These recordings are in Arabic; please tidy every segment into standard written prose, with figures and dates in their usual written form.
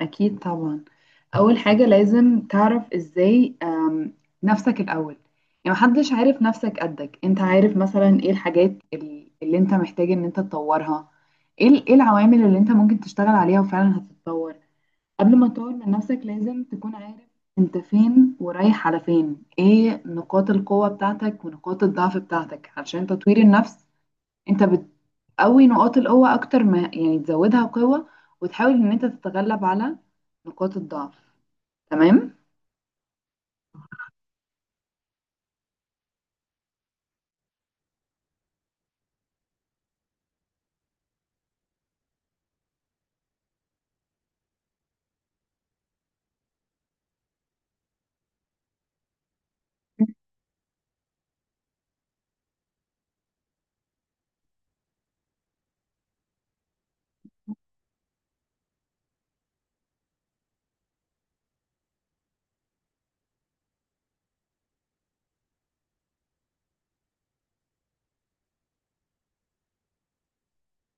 أكيد طبعا. أول حاجة لازم تعرف إزاي نفسك الأول، يعني محدش عارف نفسك قدك. أنت عارف مثلا إيه الحاجات اللي أنت محتاج إن أنت تطورها، إيه إيه العوامل اللي أنت ممكن تشتغل عليها وفعلا هتتطور. قبل ما تطور من نفسك لازم تكون عارف أنت فين ورايح على فين، إيه نقاط القوة بتاعتك ونقاط الضعف بتاعتك. علشان تطوير النفس انت بتقوي نقاط القوة اكتر، ما يعني تزودها قوة وتحاول ان انت تتغلب على نقاط الضعف. تمام.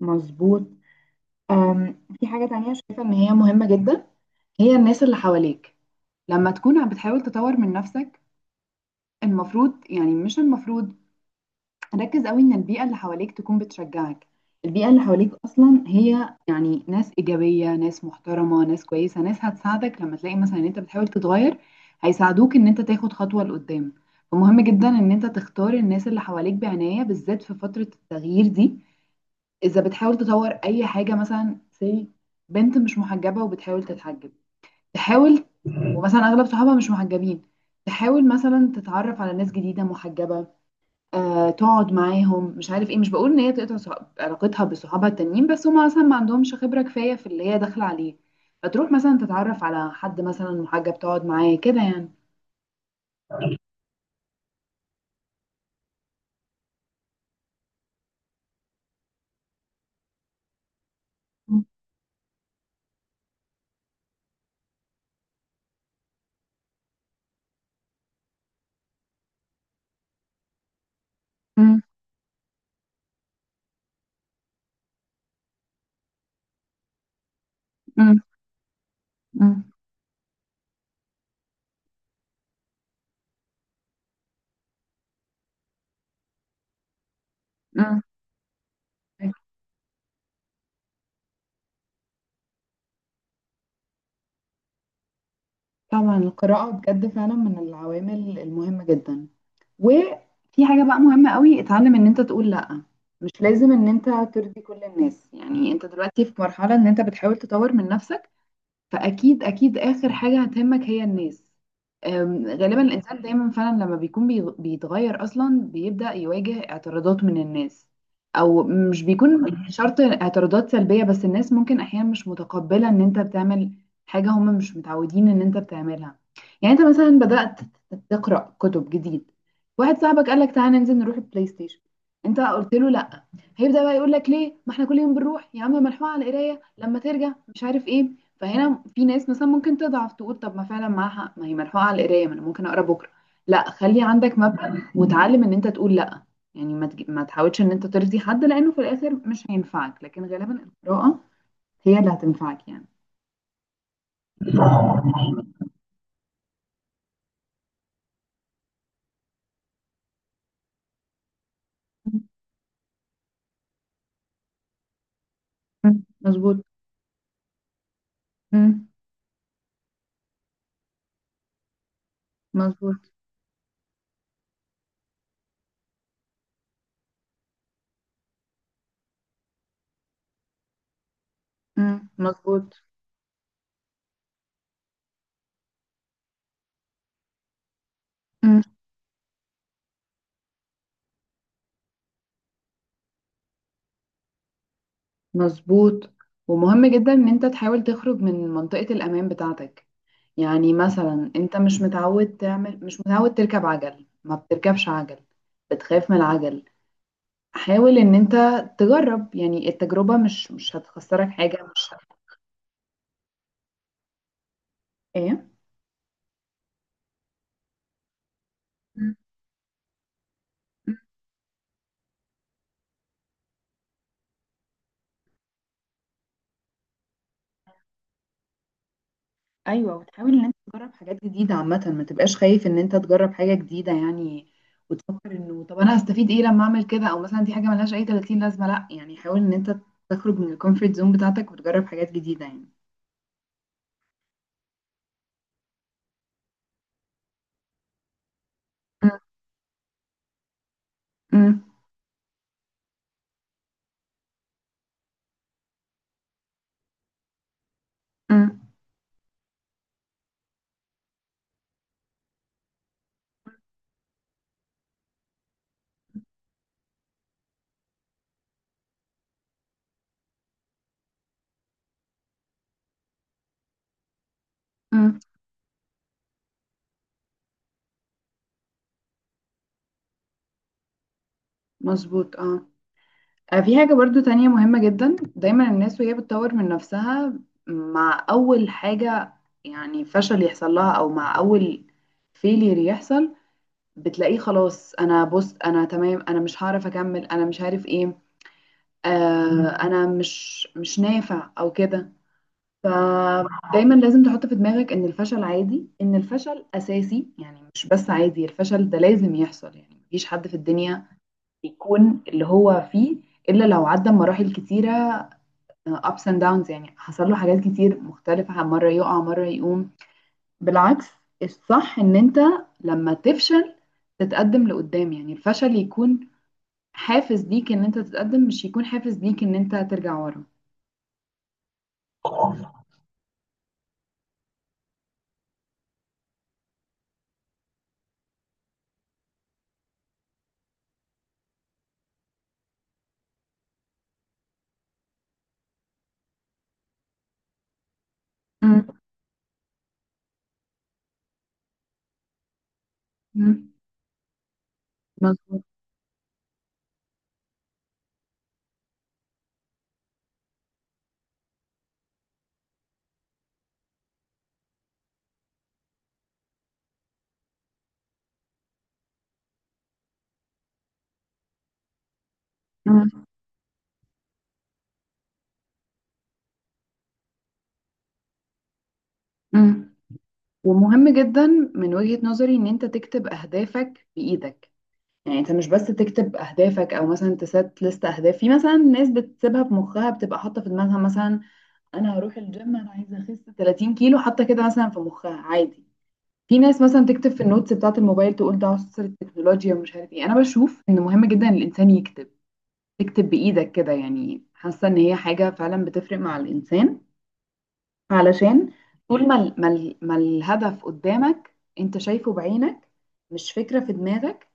مظبوط. في حاجة تانية شايفة ان هي مهمة جدا، هي الناس اللي حواليك. لما تكون عم بتحاول تطور من نفسك المفروض، يعني مش المفروض، ركز قوي ان البيئة اللي حواليك تكون بتشجعك. البيئة اللي حواليك اصلا هي يعني ناس ايجابية، ناس محترمة، ناس كويسة، ناس هتساعدك. لما تلاقي مثلا ان انت بتحاول تتغير هيساعدوك ان انت تاخد خطوة لقدام. فمهم جدا ان انت تختار الناس اللي حواليك بعناية، بالذات في فترة التغيير دي. اذا بتحاول تطور اي حاجة، مثلا سي بنت مش محجبة وبتحاول تتحجب، تحاول، ومثلا اغلب صحابها مش محجبين، تحاول مثلا تتعرف على ناس جديدة محجبة، تقعد معاهم مش عارف ايه. مش بقول ان هي تقطع علاقتها بصحابها التانيين، بس هما مثلا ما عندهمش خبرة كفاية في اللي هي داخلة عليه، فتروح مثلا تتعرف على حد مثلا محجب تقعد معاه كده يعني. مم، مم، مم، مم. طبعا القراءة بجد فعلا من العوامل المهمة جدا. وفي حاجة بقى مهمة قوي، اتعلم ان انت تقول لأ. مش لازم ان انت ترضي كل الناس، يعني انت دلوقتي في مرحلة ان انت بتحاول تطور من نفسك، فأكيد أكيد آخر حاجة هتهمك هي الناس. غالبا الإنسان دايما فعلا لما بيكون بيتغير أصلا بيبدأ يواجه اعتراضات من الناس، أو مش بيكون شرط اعتراضات سلبية، بس الناس ممكن أحيانا مش متقبلة إن أنت بتعمل حاجة هم مش متعودين إن أنت بتعملها. يعني أنت مثلا بدأت تقرأ كتب جديد، واحد صاحبك قالك تعالى ننزل نروح البلاي ستيشن، أنت قلت له لأ، هيبدأ بقى يقول لك ليه، ما احنا كل يوم بنروح يا عم، ملحوقة على القراية لما ترجع مش عارف ايه. فهنا في ناس مثلا ممكن تضعف تقول طب ما فعلا معاها حق، ما هي ملحوقه على القرايه، ما انا ممكن اقرا بكره. لا، خلي عندك مبدأ وتعلم ان انت تقول لا. يعني ما تحاولش ان انت ترضي حد، لانه في الاخر مش هينفعك، لكن غالبا القراءه هي اللي هتنفعك يعني. مم. مظبوط. مم. مظبوط. مم. مظبوط. مم. مظبوط. ومهم جدا ان انت تحاول تخرج من منطقة الامان بتاعتك. يعني مثلا انت مش متعود تعمل، مش متعود تركب عجل، ما بتركبش عجل، بتخاف من العجل، حاول ان انت تجرب. يعني التجربة مش هتخسرك حاجة مش، ايه؟ ايوه، وتحاول ان انت تجرب حاجات جديده عامه، ما تبقاش خايف ان انت تجرب حاجه جديده يعني. وتفكر انه طب انا هستفيد ايه لما اعمل كده، او مثلا دي حاجه ملهاش اي 30 لازمه. لا يعني حاول ان انت تخرج من الكومفورت زون بتاعتك وتجرب حاجات جديده يعني. أم، أم، أم، مظبوط اه. في حاجة برضو تانية مهمة جدا، دايما الناس وهي بتطور من نفسها مع أول حاجة يعني فشل يحصل لها، أو مع أول فيلير يحصل بتلاقيه خلاص، انا بص انا تمام انا مش هعرف اكمل انا مش عارف ايه. مم. انا مش نافع او كده. فدايما لازم تحط في دماغك ان الفشل عادي، ان الفشل اساسي، يعني مش بس عادي، الفشل ده لازم يحصل. يعني مفيش حد في الدنيا يكون اللي هو فيه الا لو عدى مراحل كتيره، ups and downs، يعني حصل له حاجات كتير مختلفه، مره يقع مره يقوم. بالعكس، الصح ان انت لما تفشل تتقدم لقدام، يعني الفشل يكون حافز ليك ان انت تتقدم، مش هيكون حافز ليك ان انت ترجع ورا. مم. مم. مظبوط. مم. مم. ومهم جدا من وجهة نظري ان انت تكتب اهدافك بايدك. يعني انت مش بس تكتب اهدافك، او مثلا تسات لست اهداف، في مثلا ناس بتسيبها في مخها، بتبقى حاطه في دماغها مثلا انا هروح الجيم انا عايزه اخس 30 كيلو، حاطه كده مثلا في مخها عادي. في ناس مثلا تكتب في النوتس بتاعه الموبايل تقول ده عصر التكنولوجيا ومش عارف ايه. انا بشوف ان مهم جدا الانسان يكتب، تكتب بإيدك كده، يعني حاسة إن هي حاجة فعلا بتفرق مع الإنسان. علشان طول ما ما الهدف قدامك أنت شايفه بعينك، مش فكرة في دماغك،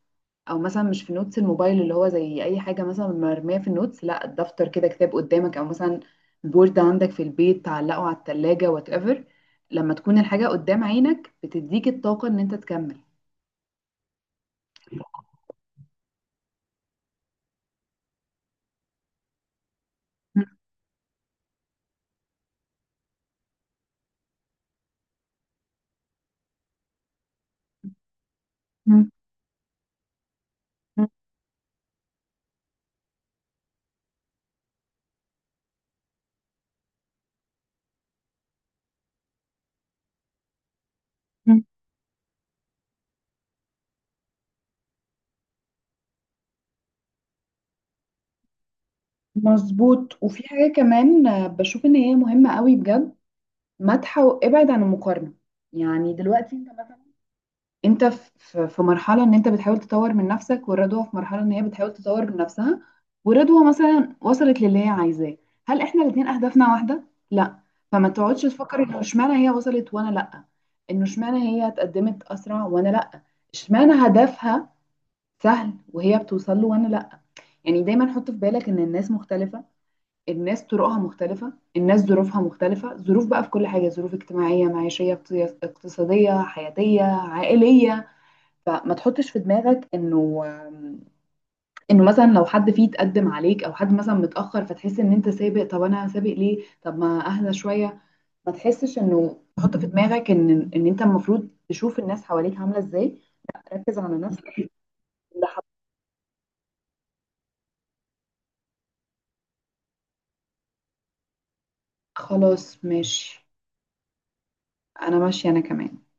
أو مثلا مش في نوتس الموبايل اللي هو زي أي حاجة مثلا مرمية في النوتس. لا، الدفتر كده، كتاب قدامك، أو مثلا بورد عندك في البيت تعلقه على التلاجة وات ايفر. لما تكون الحاجة قدام عينك بتديك الطاقة إن أنت تكمل. مظبوط. وفي حاجة كمان، بشوف ان هي مهمة قوي بجد، مدح وابعد عن المقارنة. يعني دلوقتي انت مثلا، انت في مرحلة ان انت بتحاول تطور من نفسك، والرضوى في مرحلة ان هي بتحاول تطور من نفسها، ورضوى مثلا وصلت للي هي عايزاه. هل احنا الاتنين اهدافنا واحدة؟ لا. فما تقعدش تفكر انه اشمعنى هي وصلت وانا لا، انه اشمعنى هي اتقدمت اسرع وانا لا، اشمعنى هدفها سهل وهي بتوصل له وانا لا. يعني دايما حط في بالك ان الناس مختلفة، الناس طرقها مختلفة، الناس ظروفها مختلفة، ظروف بقى في كل حاجة، ظروف اجتماعية معيشية اقتصادية حياتية عائلية. فما تحطش في دماغك انه، انه مثلا لو حد فيه تقدم عليك او حد مثلا متأخر فتحس ان انت سابق، طب انا سابق ليه، طب ما اهدى شوية. ما تحسش انه تحط في دماغك ان ان انت المفروض تشوف الناس حواليك عاملة ازاي، ركز على نفسك لحد- خلاص ماشي، انا ماشية انا كمان.